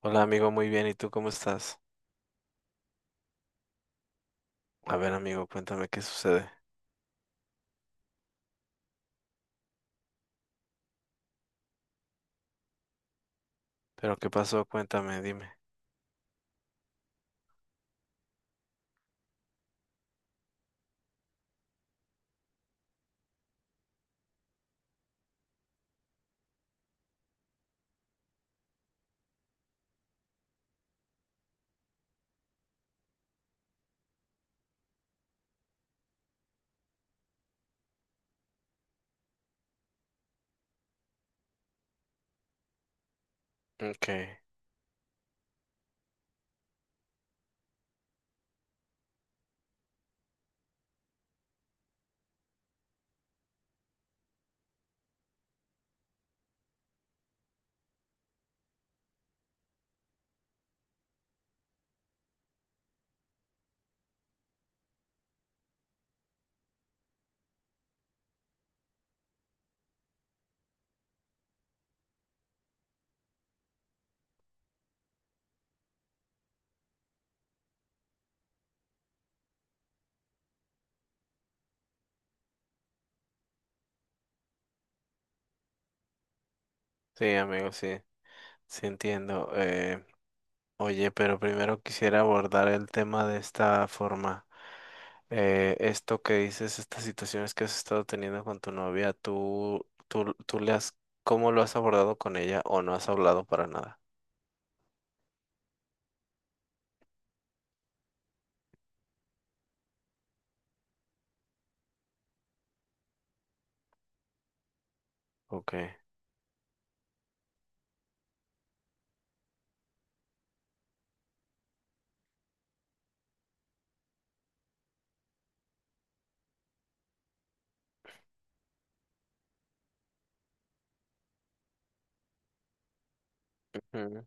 Hola amigo, muy bien. ¿Y tú cómo estás? A ver amigo, cuéntame qué sucede. ¿Pero qué pasó? Cuéntame, dime. Okay. Sí amigo, sí. Sí entiendo. Oye, pero primero quisiera abordar el tema de esta forma. Esto que dices, estas situaciones que has estado teniendo con tu novia, ¿tú le has, ¿cómo lo has abordado con ella o no has hablado para nada? Okay. Ujú.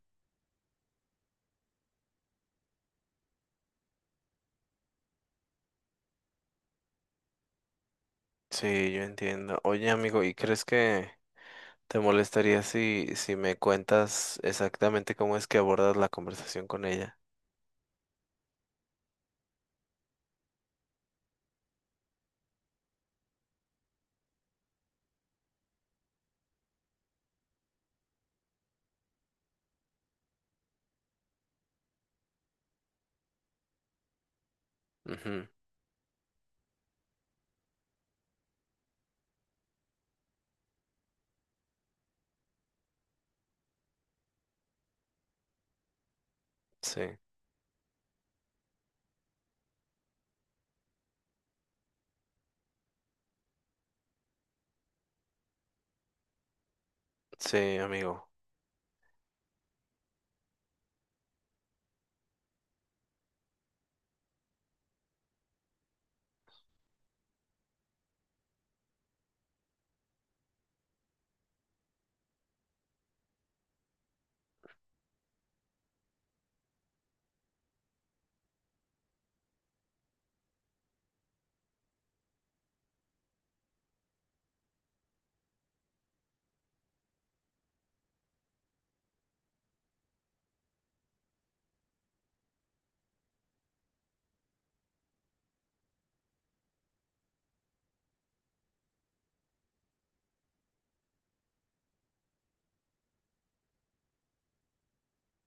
Sí, yo entiendo. Oye amigo, ¿y crees que... ¿Te molestaría si me cuentas exactamente cómo es que abordas la conversación con ella? Ujú. Sí, sí, amigo.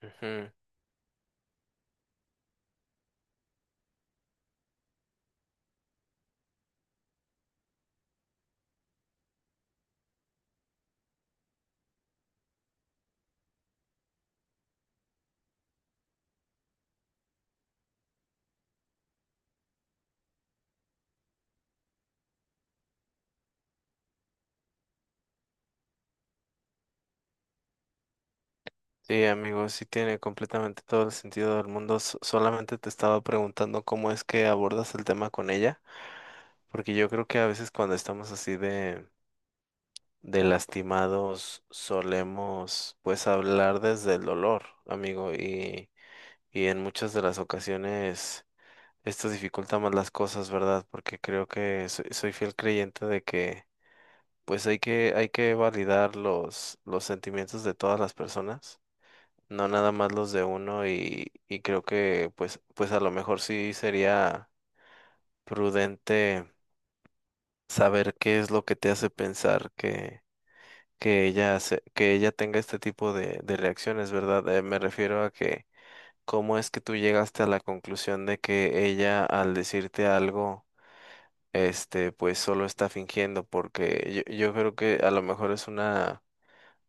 Ujú. Sí, amigo, sí tiene completamente todo el sentido del mundo. Solamente te estaba preguntando cómo es que abordas el tema con ella, porque yo creo que a veces cuando estamos así de lastimados solemos pues hablar desde el dolor, amigo, y en muchas de las ocasiones... esto dificulta más las cosas, ¿verdad? Porque creo que soy, soy fiel creyente de que pues hay que validar los sentimientos de todas las personas, no nada más los de uno y creo que pues, pues a lo mejor sí sería prudente saber qué es lo que te hace pensar que ella que ella tenga este tipo de reacciones, ¿verdad? Me refiero a que cómo es que tú llegaste a la conclusión de que ella al decirte algo este, pues solo está fingiendo, porque yo creo que a lo mejor es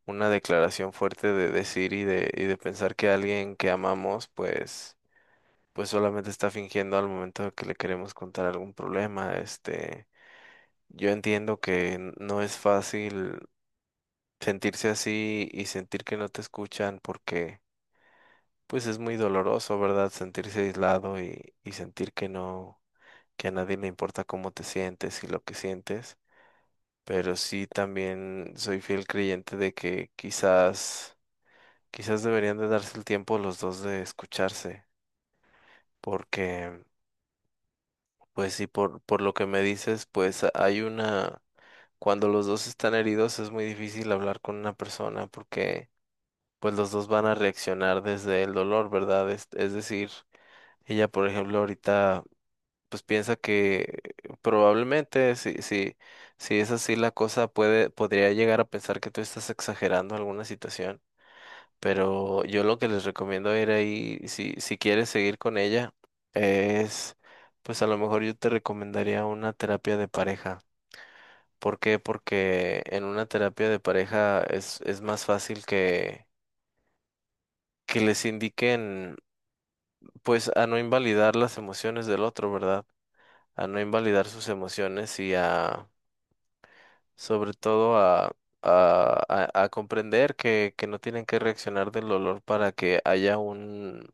una declaración fuerte de decir y de pensar que alguien que amamos, pues, pues solamente está fingiendo al momento de que le queremos contar algún problema. Este, yo entiendo que no es fácil sentirse así y sentir que no te escuchan porque, pues, es muy doloroso, ¿verdad? Sentirse aislado y sentir que no, que a nadie le importa cómo te sientes y lo que sientes. Pero sí también soy fiel creyente de que quizás, quizás deberían de darse el tiempo los dos de escucharse, porque pues sí, por lo que me dices, pues hay una, cuando los dos están heridos es muy difícil hablar con una persona porque pues los dos van a reaccionar desde el dolor, ¿verdad? Es decir, ella por ejemplo ahorita pues piensa que probablemente si es así la cosa puede, podría llegar a pensar que tú estás exagerando alguna situación. Pero yo lo que les recomiendo ir ahí, si quieres seguir con ella, es, pues a lo mejor yo te recomendaría una terapia de pareja. ¿Por qué? Porque en una terapia de pareja es más fácil que les indiquen, pues a no invalidar las emociones del otro, ¿verdad? A no invalidar sus emociones y a sobre todo a, a comprender que no tienen que reaccionar del dolor para que haya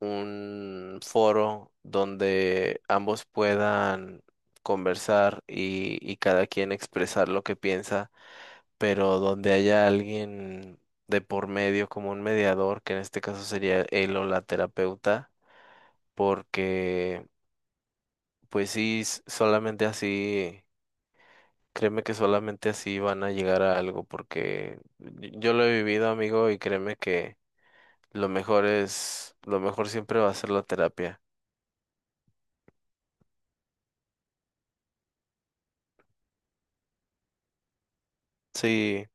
un foro donde ambos puedan conversar y cada quien expresar lo que piensa, pero donde haya alguien de por medio como un mediador, que en este caso sería él o la terapeuta, porque pues sí, solamente así. Créeme que solamente así van a llegar a algo, porque yo lo he vivido, amigo, y créeme que lo mejor es, lo mejor siempre va a ser la terapia. Sí,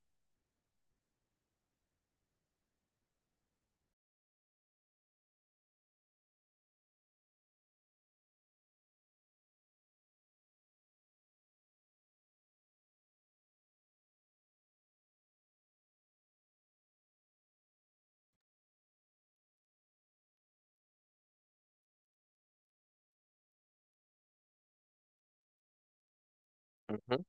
ujú,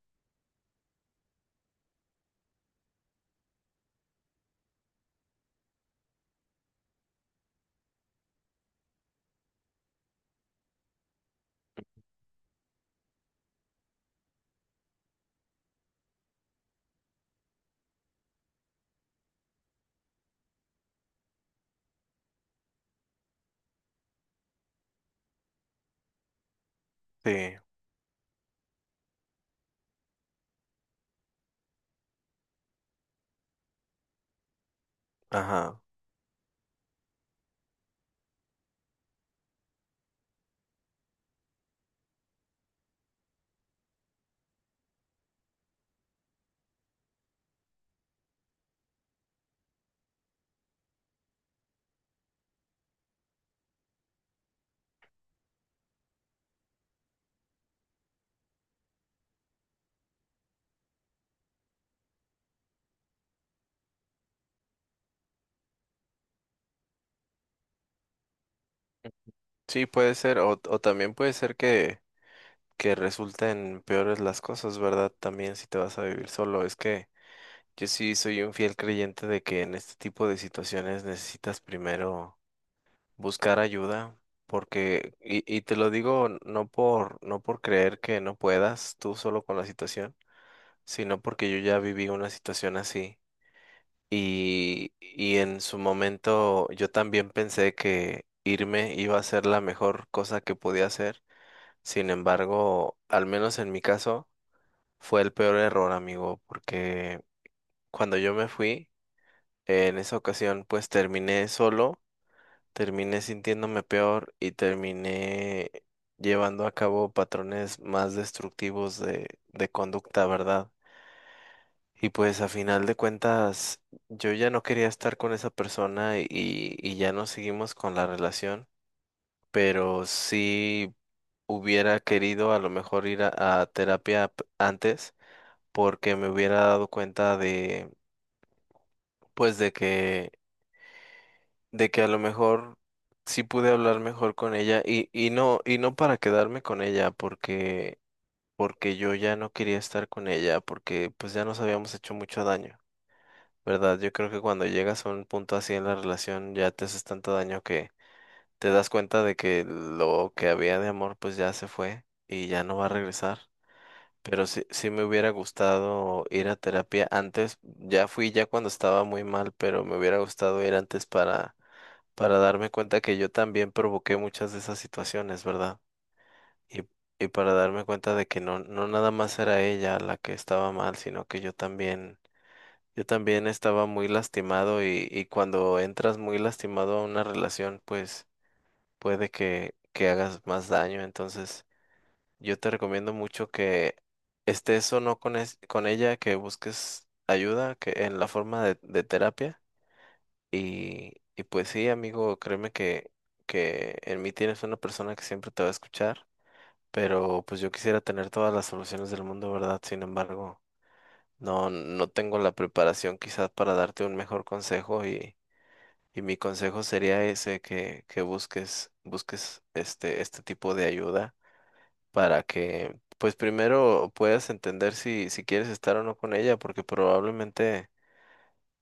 sí, ajá. Sí, puede ser, o también puede ser que resulten peores las cosas, ¿verdad? También si te vas a vivir solo. Es que yo sí soy un fiel creyente de que en este tipo de situaciones necesitas primero buscar ayuda, porque, y te lo digo no por, no por creer que no puedas tú solo con la situación, sino porque yo ya viví una situación así y en su momento yo también pensé que irme iba a ser la mejor cosa que podía hacer. Sin embargo, al menos en mi caso, fue el peor error, amigo, porque cuando yo me fui, en esa ocasión pues terminé solo. Terminé sintiéndome peor y terminé llevando a cabo patrones más destructivos de conducta, ¿verdad? Y pues a final de cuentas, yo ya no quería estar con esa persona y ya no seguimos con la relación, pero sí hubiera querido a lo mejor ir a terapia antes, porque me hubiera dado cuenta de, pues de que a lo mejor sí pude hablar mejor con ella y no para quedarme con ella, porque, porque yo ya no quería estar con ella, porque pues ya nos habíamos hecho mucho daño, ¿verdad? Yo creo que cuando llegas a un punto así en la relación ya te haces tanto daño que te das cuenta de que lo que había de amor pues ya se fue y ya no va a regresar. Pero sí, sí me hubiera gustado ir a terapia antes, ya fui ya cuando estaba muy mal, pero me hubiera gustado ir antes para darme cuenta que yo también provoqué muchas de esas situaciones, ¿verdad? Y, y para darme cuenta de que no, no nada más era ella la que estaba mal, sino que yo también estaba muy lastimado y cuando entras muy lastimado a una relación, pues puede que hagas más daño. Entonces, yo te recomiendo mucho que estés o no con, con ella, que busques ayuda, que en la forma de terapia y pues sí, amigo, créeme que en mí tienes una persona que siempre te va a escuchar, pero pues yo quisiera tener todas las soluciones del mundo, ¿verdad? Sin embargo, no, no tengo la preparación quizás para darte un mejor consejo y mi consejo sería ese, que busques, busques este, este tipo de ayuda para que, pues primero puedas entender si quieres estar o no con ella, porque probablemente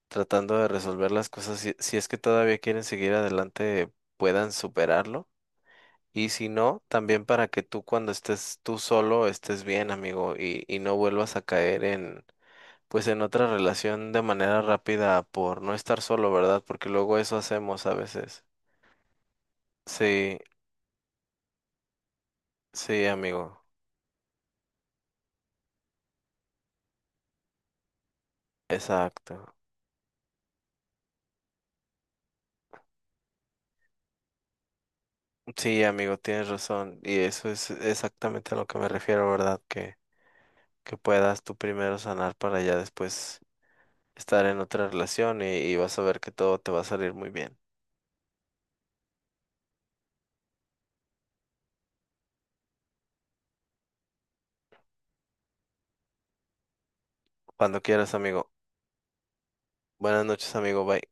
tratando de resolver las cosas, si es que todavía quieren seguir adelante, puedan superarlo. Y si no, también para que tú cuando estés tú solo estés bien, amigo, y no vuelvas a caer en, pues en otra relación de manera rápida por no estar solo, ¿verdad? Porque luego eso hacemos a veces. Sí, sí, amigo, exacto. Sí, amigo, tienes razón. Y eso es exactamente a lo que me refiero, ¿verdad? Que puedas tú primero sanar para ya después estar en otra relación y vas a ver que todo te va a salir muy bien. Cuando quieras, amigo. Buenas noches, amigo. Bye.